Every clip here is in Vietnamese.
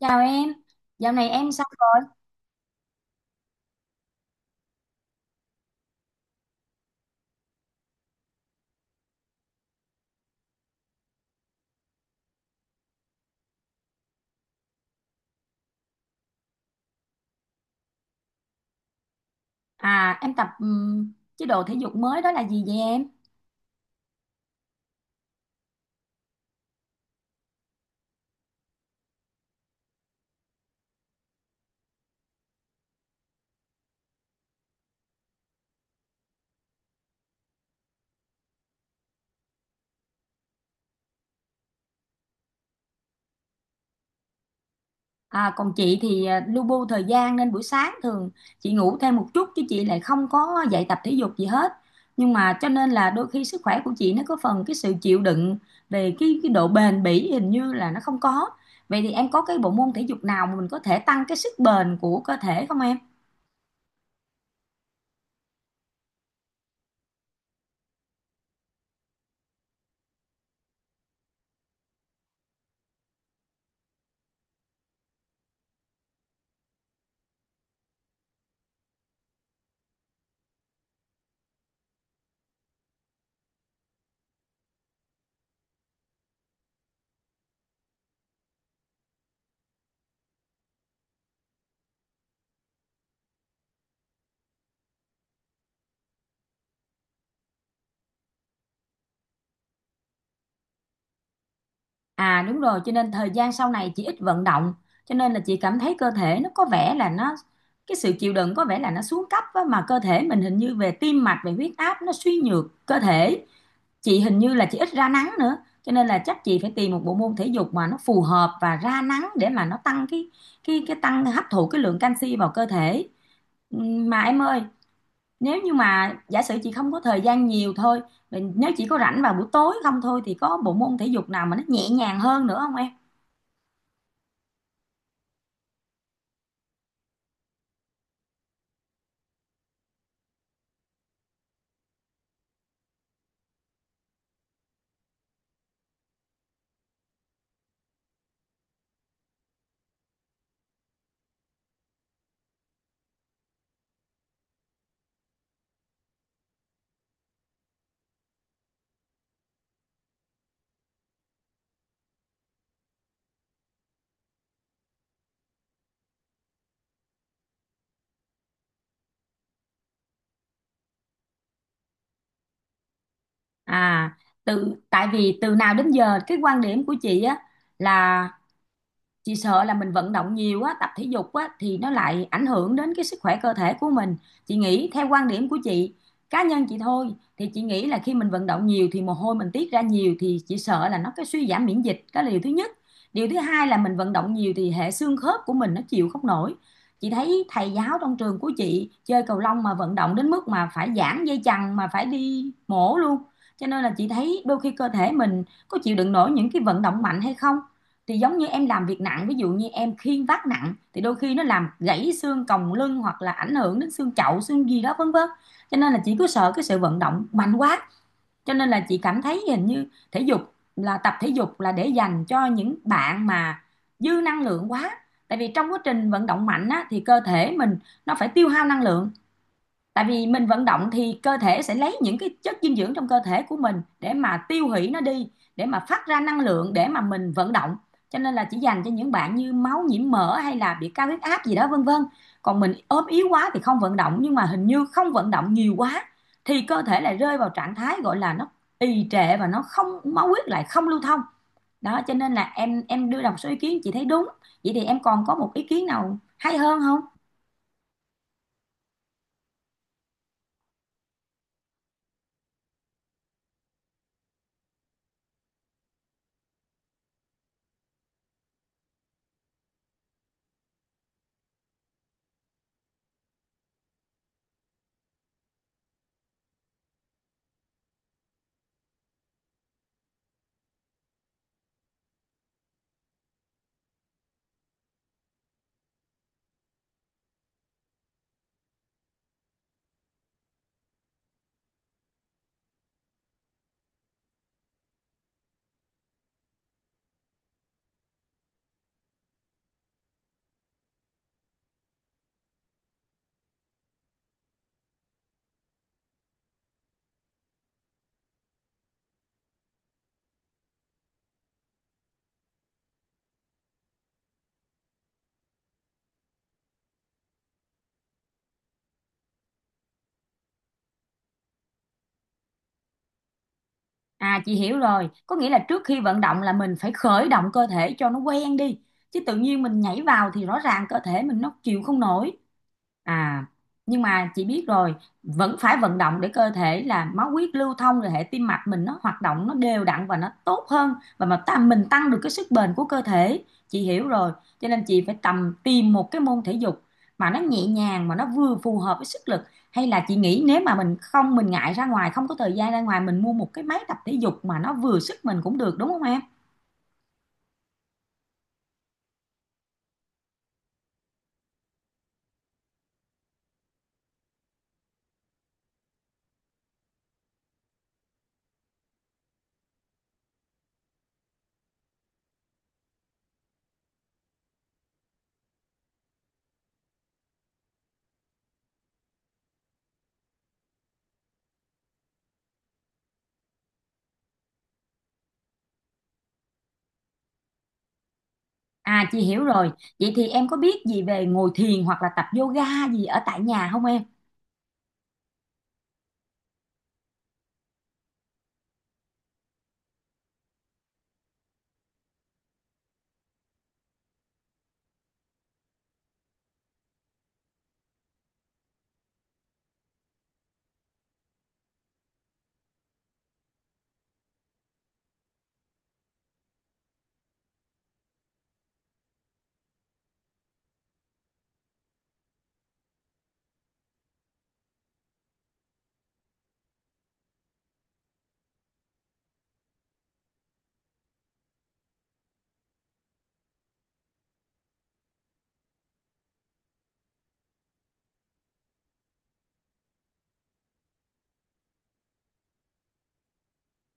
Chào em, dạo này em sao rồi? À, em tập chế độ thể dục mới đó là gì vậy em? Còn chị thì lu bu thời gian nên buổi sáng thường chị ngủ thêm một chút chứ chị lại không có dạy tập thể dục gì hết. Nhưng mà cho nên là đôi khi sức khỏe của chị nó có phần cái sự chịu đựng về cái độ bền bỉ hình như là nó không có. Vậy thì em có cái bộ môn thể dục nào mà mình có thể tăng cái sức bền của cơ thể không em? À đúng rồi, cho nên thời gian sau này chị ít vận động, cho nên là chị cảm thấy cơ thể nó có vẻ là nó cái sự chịu đựng có vẻ là nó xuống cấp á, mà cơ thể mình hình như về tim mạch, về huyết áp nó suy nhược cơ thể. Chị hình như là chị ít ra nắng nữa, cho nên là chắc chị phải tìm một bộ môn thể dục mà nó phù hợp và ra nắng để mà nó tăng cái tăng hấp thụ cái lượng canxi vào cơ thể. Mà em ơi, nếu như mà giả sử chị không có thời gian nhiều thôi, mình nếu chỉ có rảnh vào buổi tối không thôi thì có bộ môn thể dục nào mà nó nhẹ nhàng hơn nữa không em? À, từ tại vì từ nào đến giờ cái quan điểm của chị á là chị sợ là mình vận động nhiều á, tập thể dục á thì nó lại ảnh hưởng đến cái sức khỏe cơ thể của mình. Chị nghĩ theo quan điểm của chị, cá nhân chị thôi, thì chị nghĩ là khi mình vận động nhiều thì mồ hôi mình tiết ra nhiều thì chị sợ là nó cái suy giảm miễn dịch, đó là điều thứ nhất. Điều thứ hai là mình vận động nhiều thì hệ xương khớp của mình nó chịu không nổi. Chị thấy thầy giáo trong trường của chị chơi cầu lông mà vận động đến mức mà phải giãn dây chằng mà phải đi mổ luôn. Cho nên là chị thấy đôi khi cơ thể mình có chịu đựng nổi những cái vận động mạnh hay không, thì giống như em làm việc nặng, ví dụ như em khiêng vác nặng thì đôi khi nó làm gãy xương còng lưng hoặc là ảnh hưởng đến xương chậu xương gì đó vân vân. Cho nên là chị cứ sợ cái sự vận động mạnh quá, cho nên là chị cảm thấy hình như thể dục là, tập thể dục là để dành cho những bạn mà dư năng lượng quá. Tại vì trong quá trình vận động mạnh á, thì cơ thể mình nó phải tiêu hao năng lượng, tại vì mình vận động thì cơ thể sẽ lấy những cái chất dinh dưỡng trong cơ thể của mình để mà tiêu hủy nó đi, để mà phát ra năng lượng để mà mình vận động. Cho nên là chỉ dành cho những bạn như máu nhiễm mỡ hay là bị cao huyết áp gì đó vân vân. Còn mình ốm yếu quá thì không vận động, nhưng mà hình như không vận động nhiều quá thì cơ thể lại rơi vào trạng thái gọi là nó trì trệ và nó không, máu huyết lại không lưu thông đó. Cho nên là em đưa ra một số ý kiến chị thấy đúng. Vậy thì em còn có một ý kiến nào hay hơn không? À chị hiểu rồi, có nghĩa là trước khi vận động là mình phải khởi động cơ thể cho nó quen đi. Chứ tự nhiên mình nhảy vào thì rõ ràng cơ thể mình nó chịu không nổi. À, nhưng mà chị biết rồi, vẫn phải vận động để cơ thể là máu huyết lưu thông, rồi hệ tim mạch mình nó hoạt động nó đều đặn và nó tốt hơn, và mà ta mình tăng được cái sức bền của cơ thể. Chị hiểu rồi, cho nên chị phải tầm tìm một cái môn thể dục mà nó nhẹ nhàng mà nó vừa phù hợp với sức lực. Hay là chị nghĩ nếu mà mình không, mình ngại ra ngoài, không có thời gian ra ngoài, mình mua một cái máy tập thể dục mà nó vừa sức mình cũng được đúng không em? À chị hiểu rồi. Vậy thì em có biết gì về ngồi thiền hoặc là tập yoga gì ở tại nhà không em?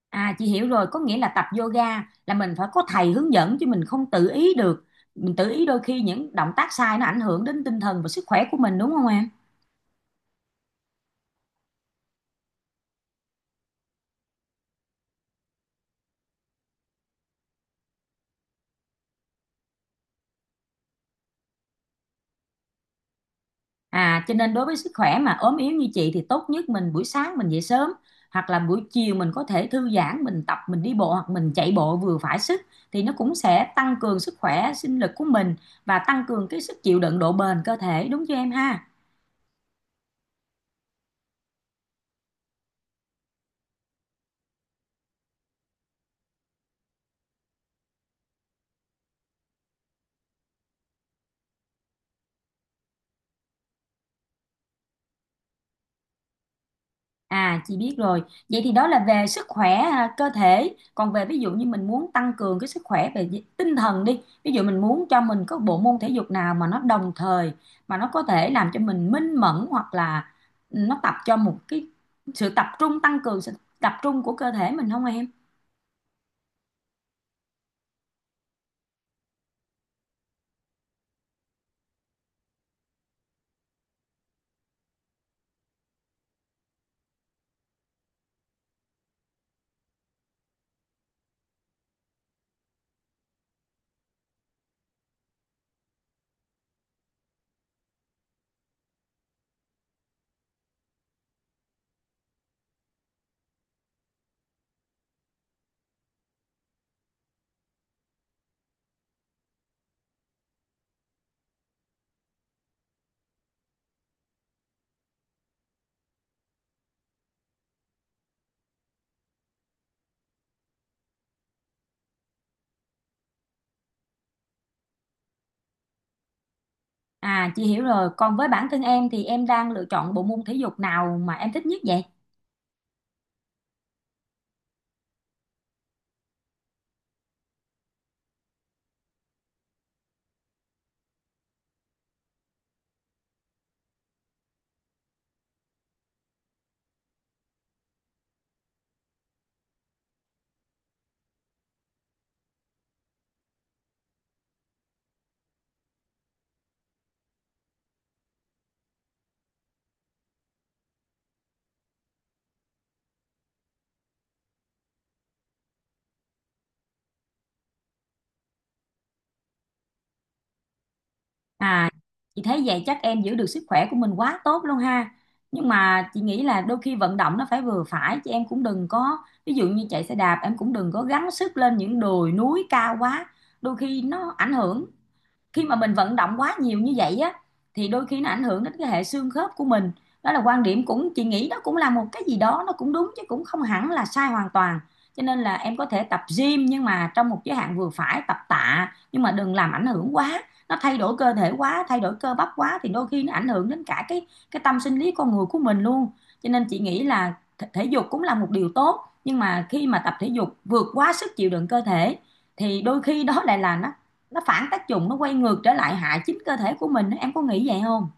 À chị hiểu rồi, có nghĩa là tập yoga là mình phải có thầy hướng dẫn chứ mình không tự ý được. Mình tự ý đôi khi những động tác sai nó ảnh hưởng đến tinh thần và sức khỏe của mình đúng không em? À cho nên đối với sức khỏe mà ốm yếu như chị thì tốt nhất mình buổi sáng mình dậy sớm, hoặc là buổi chiều mình có thể thư giãn, mình tập, mình đi bộ hoặc mình chạy bộ vừa phải sức, thì nó cũng sẽ tăng cường sức khỏe, sinh lực của mình và tăng cường cái sức chịu đựng, độ bền cơ thể đúng chưa em ha? À chị biết rồi. Vậy thì đó là về sức khỏe à, cơ thể. Còn về ví dụ như mình muốn tăng cường cái sức khỏe về tinh thần đi. Ví dụ mình muốn cho mình có bộ môn thể dục nào mà nó đồng thời mà nó có thể làm cho mình minh mẫn, hoặc là nó tập cho một cái sự tập trung, tăng cường sự tập trung của cơ thể mình không em? À chị hiểu rồi. Còn với bản thân em thì em đang lựa chọn bộ môn thể dục nào mà em thích nhất vậy? À, chị thấy vậy chắc em giữ được sức khỏe của mình quá tốt luôn ha. Nhưng mà chị nghĩ là đôi khi vận động nó phải vừa phải, chứ em cũng đừng có, ví dụ như chạy xe đạp em cũng đừng có gắng sức lên những đồi núi cao quá. Đôi khi nó ảnh hưởng, khi mà mình vận động quá nhiều như vậy á thì đôi khi nó ảnh hưởng đến cái hệ xương khớp của mình. Đó là quan điểm, cũng chị nghĩ đó cũng là một cái gì đó nó cũng đúng chứ cũng không hẳn là sai hoàn toàn. Cho nên là em có thể tập gym nhưng mà trong một giới hạn vừa phải, tập tạ nhưng mà đừng làm ảnh hưởng quá, nó thay đổi cơ thể quá, thay đổi cơ bắp quá thì đôi khi nó ảnh hưởng đến cả cái tâm sinh lý con người của mình luôn. Cho nên chị nghĩ là thể dục cũng là một điều tốt, nhưng mà khi mà tập thể dục vượt quá sức chịu đựng cơ thể thì đôi khi đó lại là nó phản tác dụng, nó quay ngược trở lại hại chính cơ thể của mình, em có nghĩ vậy không?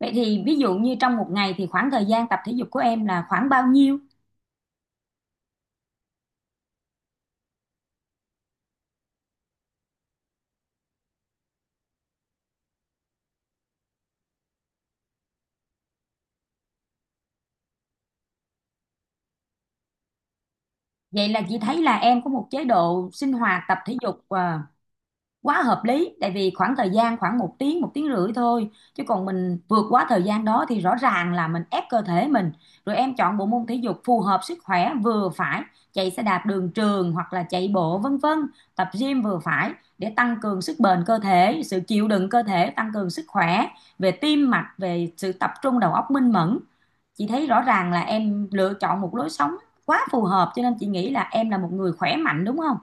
Vậy thì ví dụ như trong một ngày thì khoảng thời gian tập thể dục của em là khoảng bao nhiêu? Vậy là chị thấy là em có một chế độ sinh hoạt tập thể dục à, quá hợp lý, tại vì khoảng thời gian khoảng 1 tiếng 1 tiếng rưỡi thôi, chứ còn mình vượt quá thời gian đó thì rõ ràng là mình ép cơ thể mình. Rồi em chọn bộ môn thể dục phù hợp sức khỏe vừa phải, chạy xe đạp đường trường hoặc là chạy bộ vân vân, tập gym vừa phải, để tăng cường sức bền cơ thể, sự chịu đựng cơ thể, tăng cường sức khỏe về tim mạch, về sự tập trung đầu óc minh mẫn. Chị thấy rõ ràng là em lựa chọn một lối sống quá phù hợp, cho nên chị nghĩ là em là một người khỏe mạnh đúng không?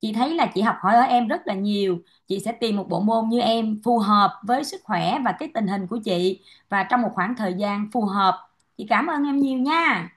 Chị thấy là chị học hỏi ở em rất là nhiều. Chị sẽ tìm một bộ môn như em phù hợp với sức khỏe và cái tình hình của chị, và trong một khoảng thời gian phù hợp. Chị cảm ơn em nhiều nha.